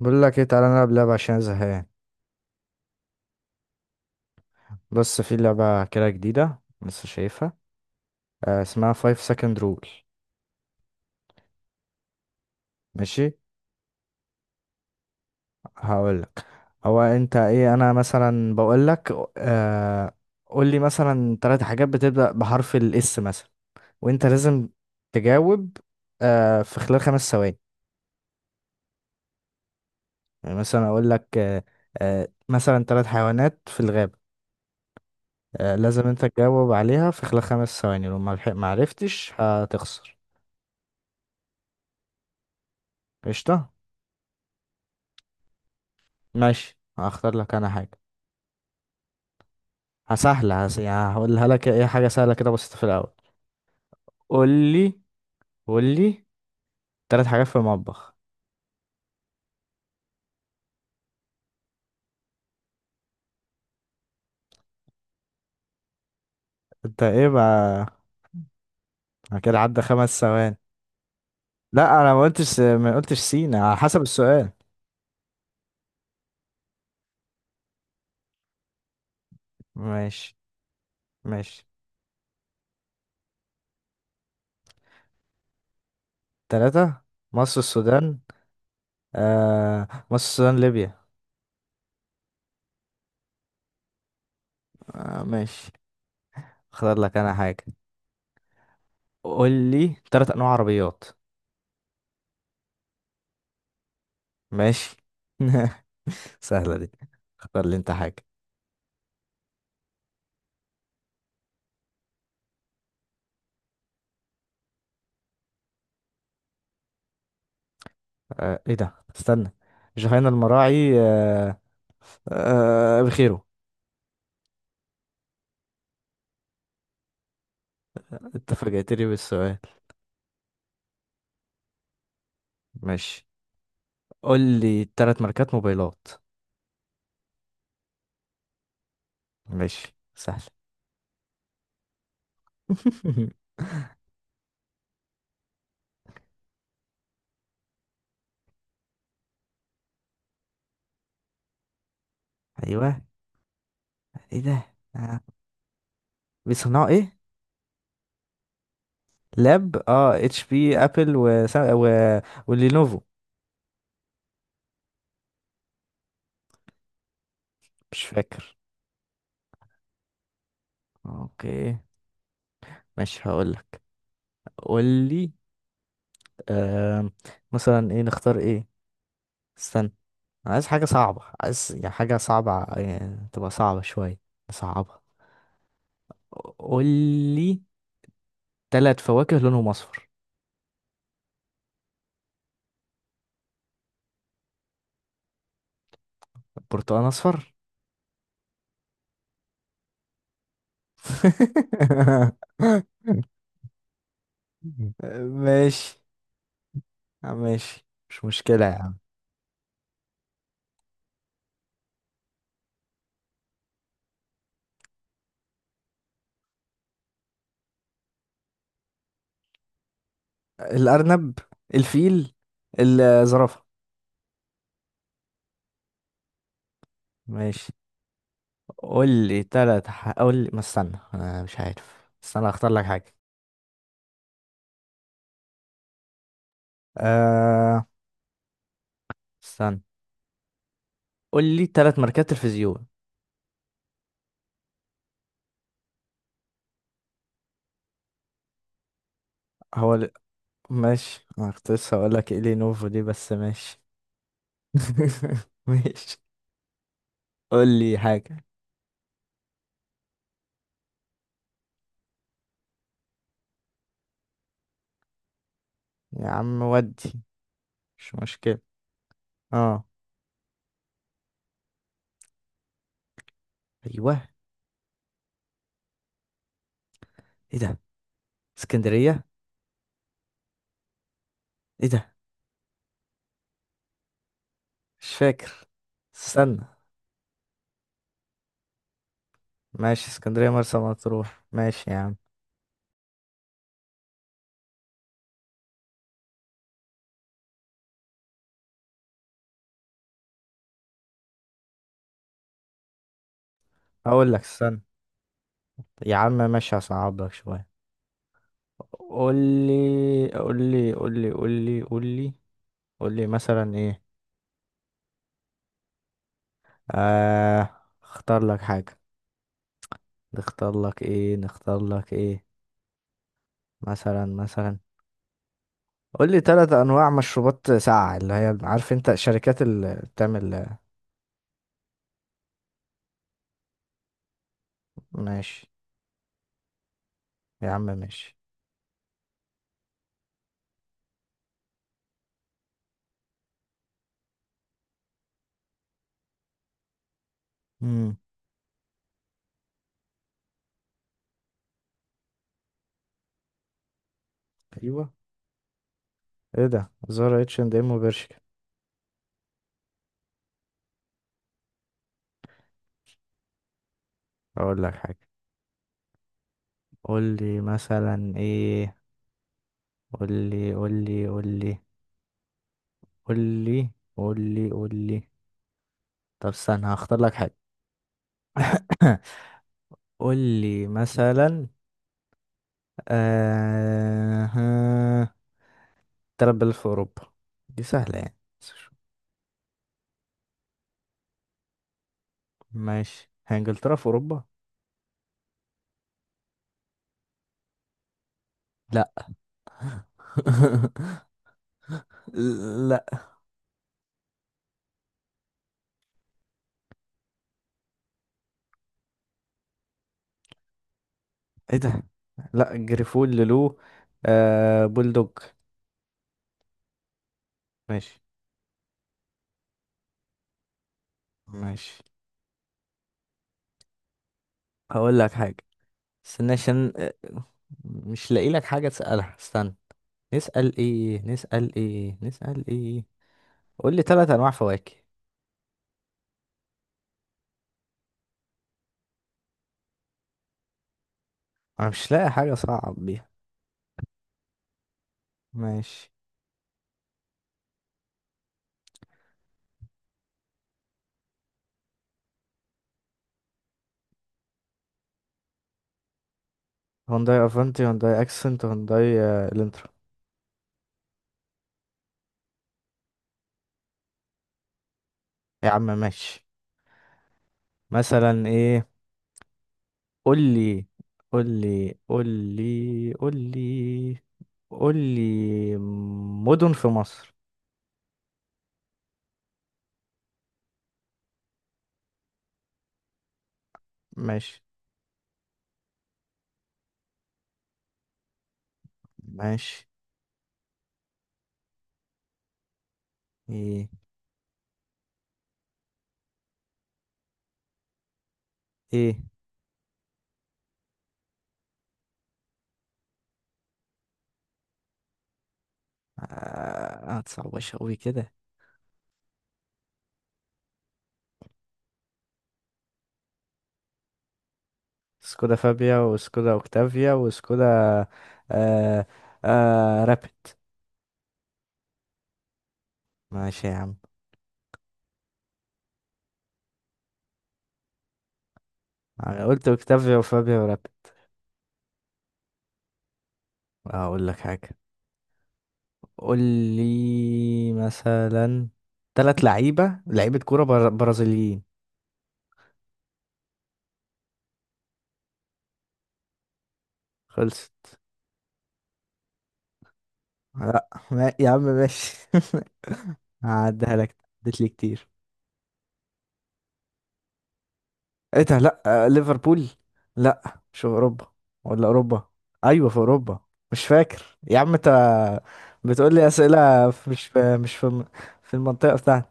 بقول لك ايه، تعالى نلعب لعبة عشان أنا زهقان. بص، في لعبة كده جديدة لسه شايفها. اسمها 5 second rule. ماشي، هقول لك. هو انت ايه؟ انا مثلا بقول لك قول لي مثلا ثلاث حاجات بتبدأ بحرف الاس مثلا، وانت لازم تجاوب في خلال خمس ثواني. يعني مثلا اقول لك مثلا ثلاث حيوانات في الغابة. لازم انت تجاوب عليها في خلال خمس ثواني، لو ما عرفتش هتخسر. قشطة. ماشي، هختار لك انا حاجة سهلة. يعني هقولها لك ايه، حاجة سهلة كده بسيطة في الأول. قول لي قول لي تلات حاجات في المطبخ. انت ايه بقى؟ أنا كده عدى خمس ثواني. لا، انا ما قلتش سينا، على حسب السؤال. ماشي. ماشي. تلاتة، مصر، السودان. آه، مصر، السودان، ليبيا. آه ماشي، اختار لك انا حاجة. قول لي تلات انواع عربيات. ماشي. سهلة دي. اختار لي انت حاجة. ايه ده، استنى. جهينة، المراعي، بخيره. انت فاجئتني بالسؤال. ماشي، قول لي تلات ماركات موبايلات. ماشي، سهل. ايوه، ايه ده؟ آه. بيصنعوا ايه؟ لاب، اتش بي، ابل، و... ولينوفو. مش فاكر. اوكي، ماشي، هقول لك. قول لي آه مثلا ايه، نختار ايه؟ استنى، أنا عايز حاجة صعبة، عايز يعني حاجة صعبة، يعني تبقى صعبة شوية. صعبة. قول لي تلات فواكه لونهم أصفر. برتقال أصفر؟ ماشي. ماشي، مش مشكلة يا عم. الأرنب، الفيل، الزرافة. ماشي، قول لي قول لي، ما استنى، أنا مش عارف، استنى، أختار لك حاجة. أه... استنى. قول لي تلات ماركات تلفزيون. هو ماشي، انا كنت لسه هقول لك ايه لينوفو دي، بس ماشي. ماشي، قول لي حاجة. يا عم، ودي مش مشكلة. اه، ايوه، ايه ده؟ اسكندرية، ايه ده؟ مش فاكر، استنى. ماشي، اسكندرية، مرسى مطروح، ماشي يا عم. هقول لك، استنى. يا عم ماشي، هصعب لك شوية. قول لي، قول لي، قول لي، قول لي، قول لي، قول لي مثلا ايه. اختار لك حاجة، نختار لك ايه؟ مثلا قول لي ثلاث انواع مشروبات ساقعه، اللي هي عارف انت شركات اللي بتعمل. ماشي. يا عم ماشي. امم ايوه، ايه ده؟ زارا، اتش اند ام، وبرشكا. اقول لك حاجه، قول لي مثلا ايه. قول لي، قول لي، قول لي، قول لي، قول لي، قول لي. طب استنى، هختار لك حاجه. قول لي مثلا ها، تلات بلاد في اوروبا. دي سهله يعني، بس ماشي. هي انجلترا في اوروبا؟ لا. لا، ايه ده؟ لا، جريفول، لولو، بولدوج. ماشي. ماشي، هقول لك حاجة. استنى عشان مش لاقي لك حاجة تسألها، استنى. نسأل ايه، نسأل ايه، نسأل ايه؟ قول لي ثلاث انواع فواكه. انا مش لاقي حاجة صعب بيها. ماشي. هونداي افنتي، هونداي اكسنت، هونداي الانترا. يا عم ماشي، مثلا ايه؟ قول لي، قول لي، قول لي، قول لي، قول لي مدن في مصر. ماشي ماشي. ايه ايه؟ آه، هتصعبش قوي كده. سكودا فابيا، وسكودا اوكتافيا، وسكودا آه رابid. ماشي يا عم. انا قلت اوكتافيا، وفابيا، ورابد. هقول لك حاجه، قول لي مثلا ثلاث لعيبه كوره برازيليين. خلصت. لا ما... يا عم ماشي. هعديها لك، اديت لي كتير. ايه ده؟ لا، ليفربول. لا، مش في اوروبا، ولا اوروبا، ايوه في اوروبا. مش فاكر. يا عم انت بتقول لي اسئله مش في في المنطقه بتاعتي.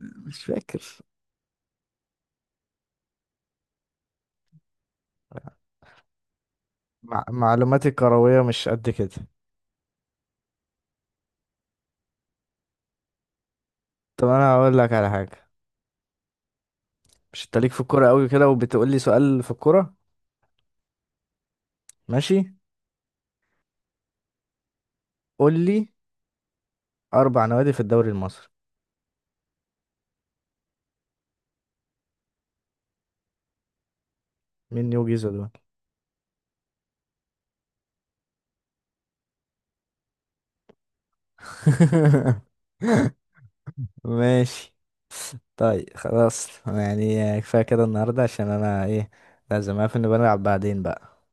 مش فاكر. معلوماتي الكرويه مش قد كده. طب انا هقول لك على حاجه. مش انت ليك في الكوره قوي كده، وبتقول لي سؤال في الكوره؟ ماشي، قول لي اربع نوادي في الدوري المصري. مين يوجي دول؟ ماشي. طيب خلاص، يعني كفاية كده النهاردة، عشان انا ايه، لازم اقفل، نبقى نلعب بعدين بقى.